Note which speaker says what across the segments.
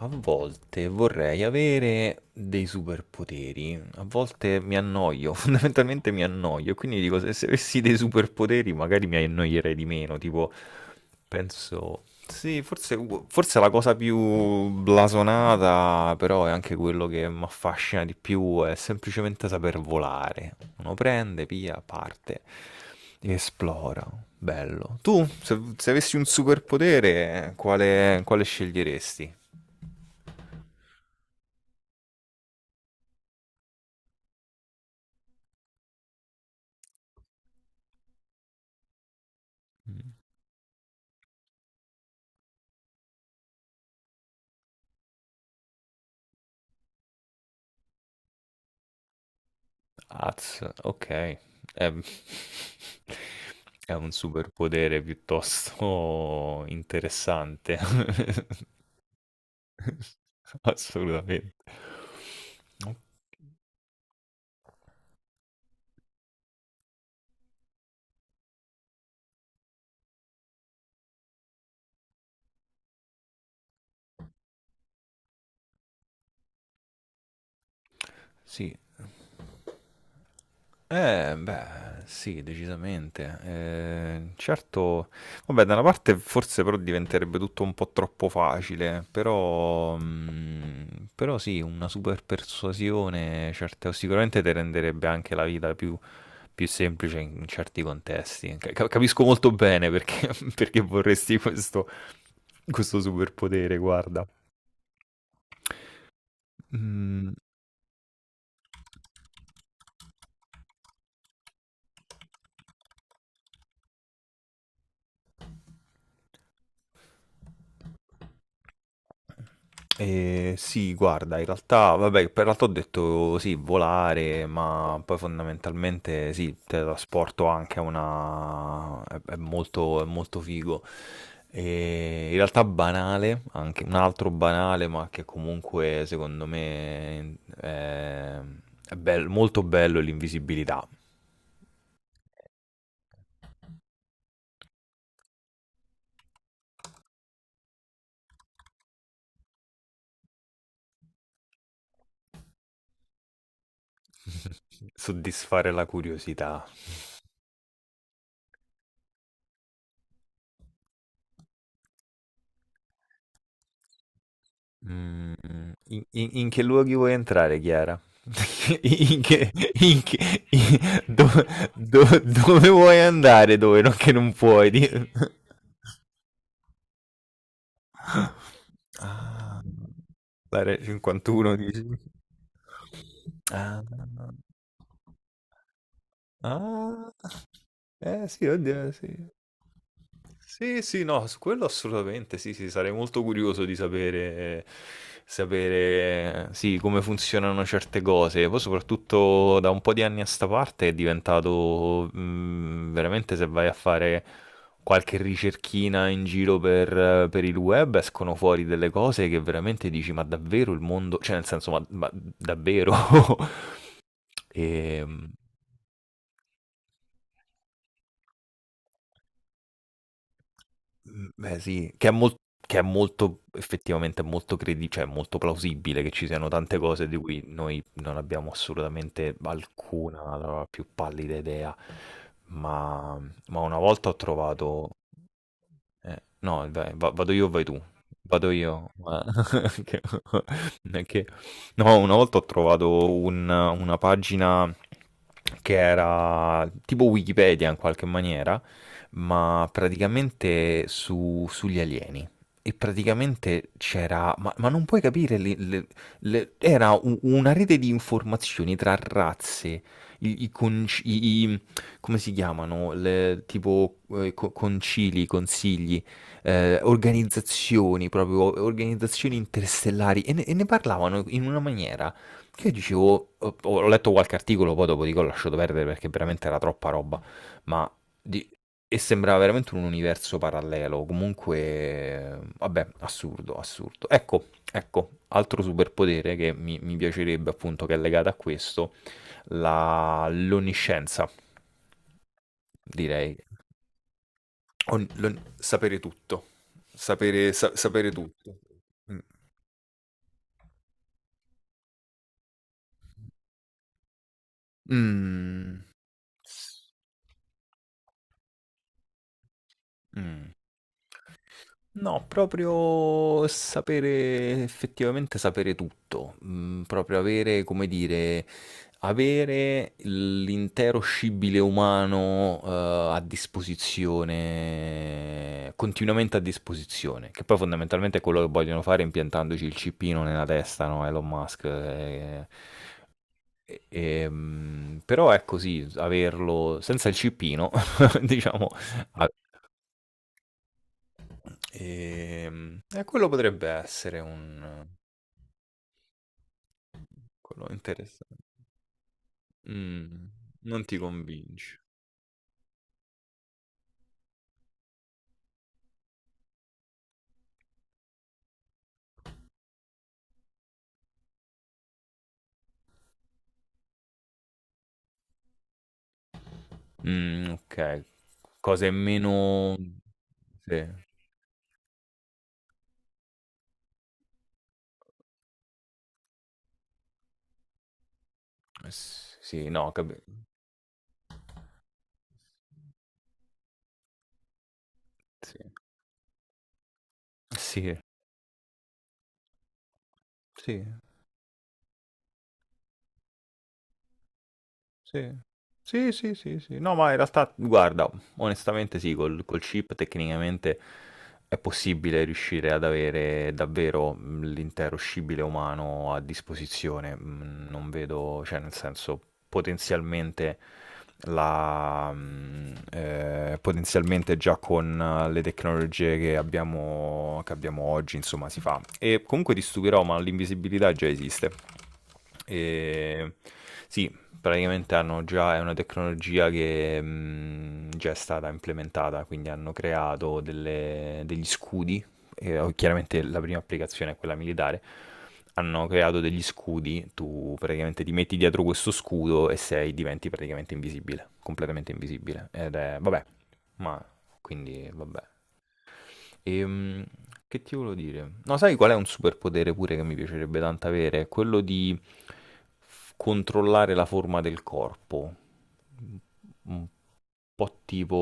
Speaker 1: A volte vorrei avere dei superpoteri, a volte mi annoio, fondamentalmente mi annoio, e quindi dico se avessi dei superpoteri magari mi annoierei di meno, tipo penso... Sì, forse, forse la cosa più blasonata, però è anche quello che mi affascina di più, è semplicemente saper volare. Uno prende, via, parte, esplora, bello. Tu, se avessi un superpotere, quale sceglieresti? Az, ok. Ehm, È un superpotere piuttosto interessante. Assolutamente. Sì. Beh, sì, decisamente. Certo, vabbè, da una parte forse però diventerebbe tutto un po' troppo facile, però, però sì, una super persuasione, certo, sicuramente ti renderebbe anche la vita più semplice in certi contesti. Capisco molto bene perché, perché vorresti questo, questo superpotere, guarda. Mm, eh, sì, guarda, in realtà, vabbè, per l'altro ho detto sì, volare, ma poi fondamentalmente sì, teletrasporto anche a una... è molto figo. E in realtà banale, anche un altro banale, ma che comunque secondo me è molto bello è l'invisibilità, soddisfare la curiosità. Mhmm, in che luoghi vuoi entrare, Chiara? In che in che i dove do dove vuoi andare, dove non che non puoi di Ah. L'area 51 dici? Ah. Ah. Eh sì, oddio, sì. Sì, sì, no, su quello assolutamente sì, sì, sarei molto curioso di sapere, sapere, sì, come funzionano certe cose. Poi soprattutto da un po' di anni a sta parte è diventato, veramente se vai a fare qualche ricerchina in giro per il web escono fuori delle cose che veramente dici, ma davvero il mondo, cioè nel senso, ma davvero? E, beh sì, che è molto effettivamente è molto credi cioè è molto plausibile che ci siano tante cose di cui noi non abbiamo assolutamente alcuna, la più pallida idea. Ma ma una volta ho trovato no, vado io o vai tu? Vado io. Che- che- No, una volta ho trovato una pagina che era tipo Wikipedia in qualche maniera, ma praticamente sugli alieni. E praticamente c'era, ma non puoi capire, era una rete di informazioni tra razze, i, i, conci- i- come si chiamano? Le, tipo concili, consigli, organizzazioni, proprio organizzazioni interstellari e ne parlavano in una maniera che io dicevo, ho letto qualche articolo, poi dopo dico ho lasciato perdere perché veramente era troppa roba, ma di- e sembrava veramente un universo parallelo, comunque, vabbè, assurdo, assurdo. Ecco, ecco, altro superpotere che mi piacerebbe appunto che è legato a questo, l'onniscienza direi. Sapere tutto. Sapere, sapere tutto. Mm. Mm. Mm. No, proprio sapere, effettivamente sapere tutto, mm, proprio avere, come dire, avere l'intero scibile umano, a disposizione, continuamente a disposizione, che poi fondamentalmente è quello che vogliono fare impiantandoci il cippino nella testa, no? Elon Musk, però è così, averlo senza il cippino, diciamo, a- quello potrebbe essere un quello interessante. Mm, non ti convince. Mm, ok, cose meno... Sì, sì, sì, no, sì, sì, sì. Sì. Sì, sì, sì, sì. No, ma in realtà, guarda, onestamente sì, col chip tecnicamente è possibile riuscire ad avere davvero l'intero scibile umano a disposizione. Non vedo, cioè, nel senso, potenzialmente potenzialmente già con le tecnologie che abbiamo oggi, insomma, si fa. E comunque ti stupirò, ma l'invisibilità già esiste. E... Sì, praticamente hanno già, è una tecnologia che già è stata implementata, quindi hanno creato degli scudi, e, oh, chiaramente la prima applicazione è quella militare, hanno creato degli scudi, tu praticamente ti metti dietro questo scudo e sei, diventi praticamente invisibile, completamente invisibile. Ed è, vabbè, ma quindi vabbè. Ehm, che ti volevo dire? No, sai qual è un superpotere pure che mi piacerebbe tanto avere? Quello di controllare la forma del corpo un po' tipo...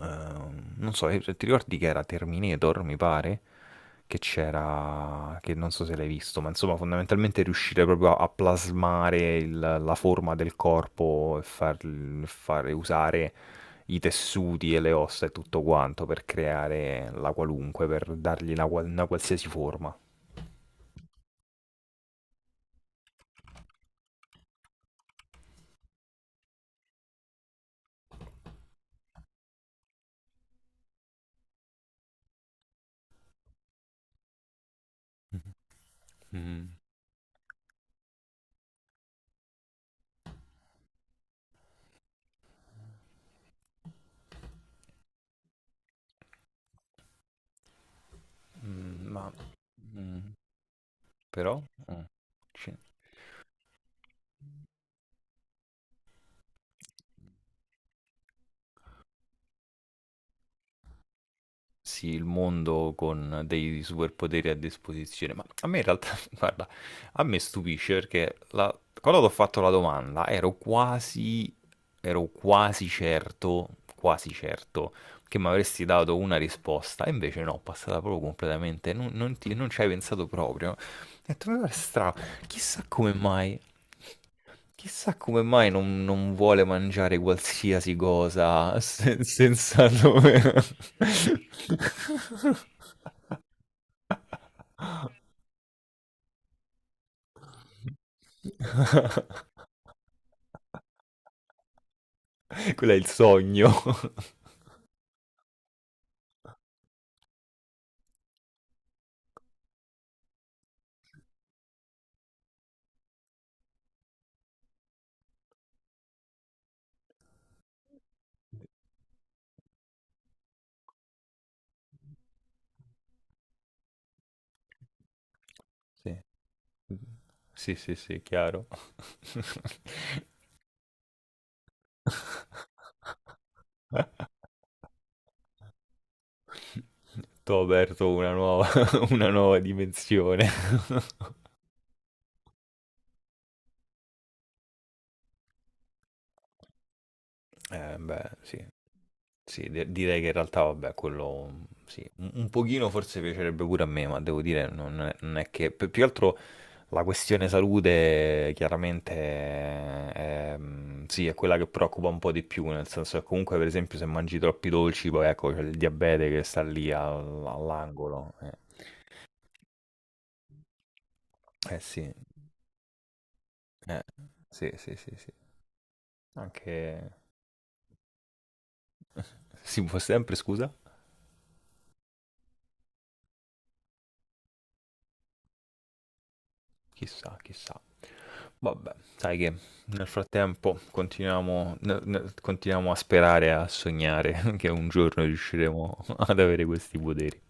Speaker 1: non so, ti ricordi che era Terminator, mi pare? Che c'era... che non so se l'hai visto, ma insomma fondamentalmente riuscire proprio a plasmare la forma del corpo e fare usare i tessuti e le ossa e tutto quanto per creare la qualunque, per dargli una, una qualsiasi forma. Mm. Mm, ma... mm, però... eh, ci- sì, il mondo con dei superpoteri a disposizione. Ma a me in realtà, guarda, a me stupisce perché quando ho fatto la domanda ero quasi certo che mi avresti dato una risposta, e invece no, passata proprio completamente, non non ci hai pensato proprio. Ho detto, ma guarda, strano, chissà come mai. Chissà come mai non vuole mangiare qualsiasi cosa senza nome. Quello è il sogno. Sì, sì, sì, sì, chiaro. T'ho aperto una nuova, una nuova dimensione. Beh, sì. Sì, direi che in realtà, vabbè, quello sì, un pochino forse piacerebbe pure a me, ma devo dire, non è che... più che altro la questione salute chiaramente è, mm, sì, è quella che preoccupa un po' di più, nel senso che comunque, per esempio, se mangi troppi dolci, poi ecco, c'è il diabete che sta lì all'angolo. Eh, sì, eh, sì, sì, sì, sì. Anche... Si può sempre, scusa? Chissà, chissà. Vabbè, sai che nel frattempo continuiamo, continuiamo a sperare, e a sognare che un giorno riusciremo ad avere questi poteri.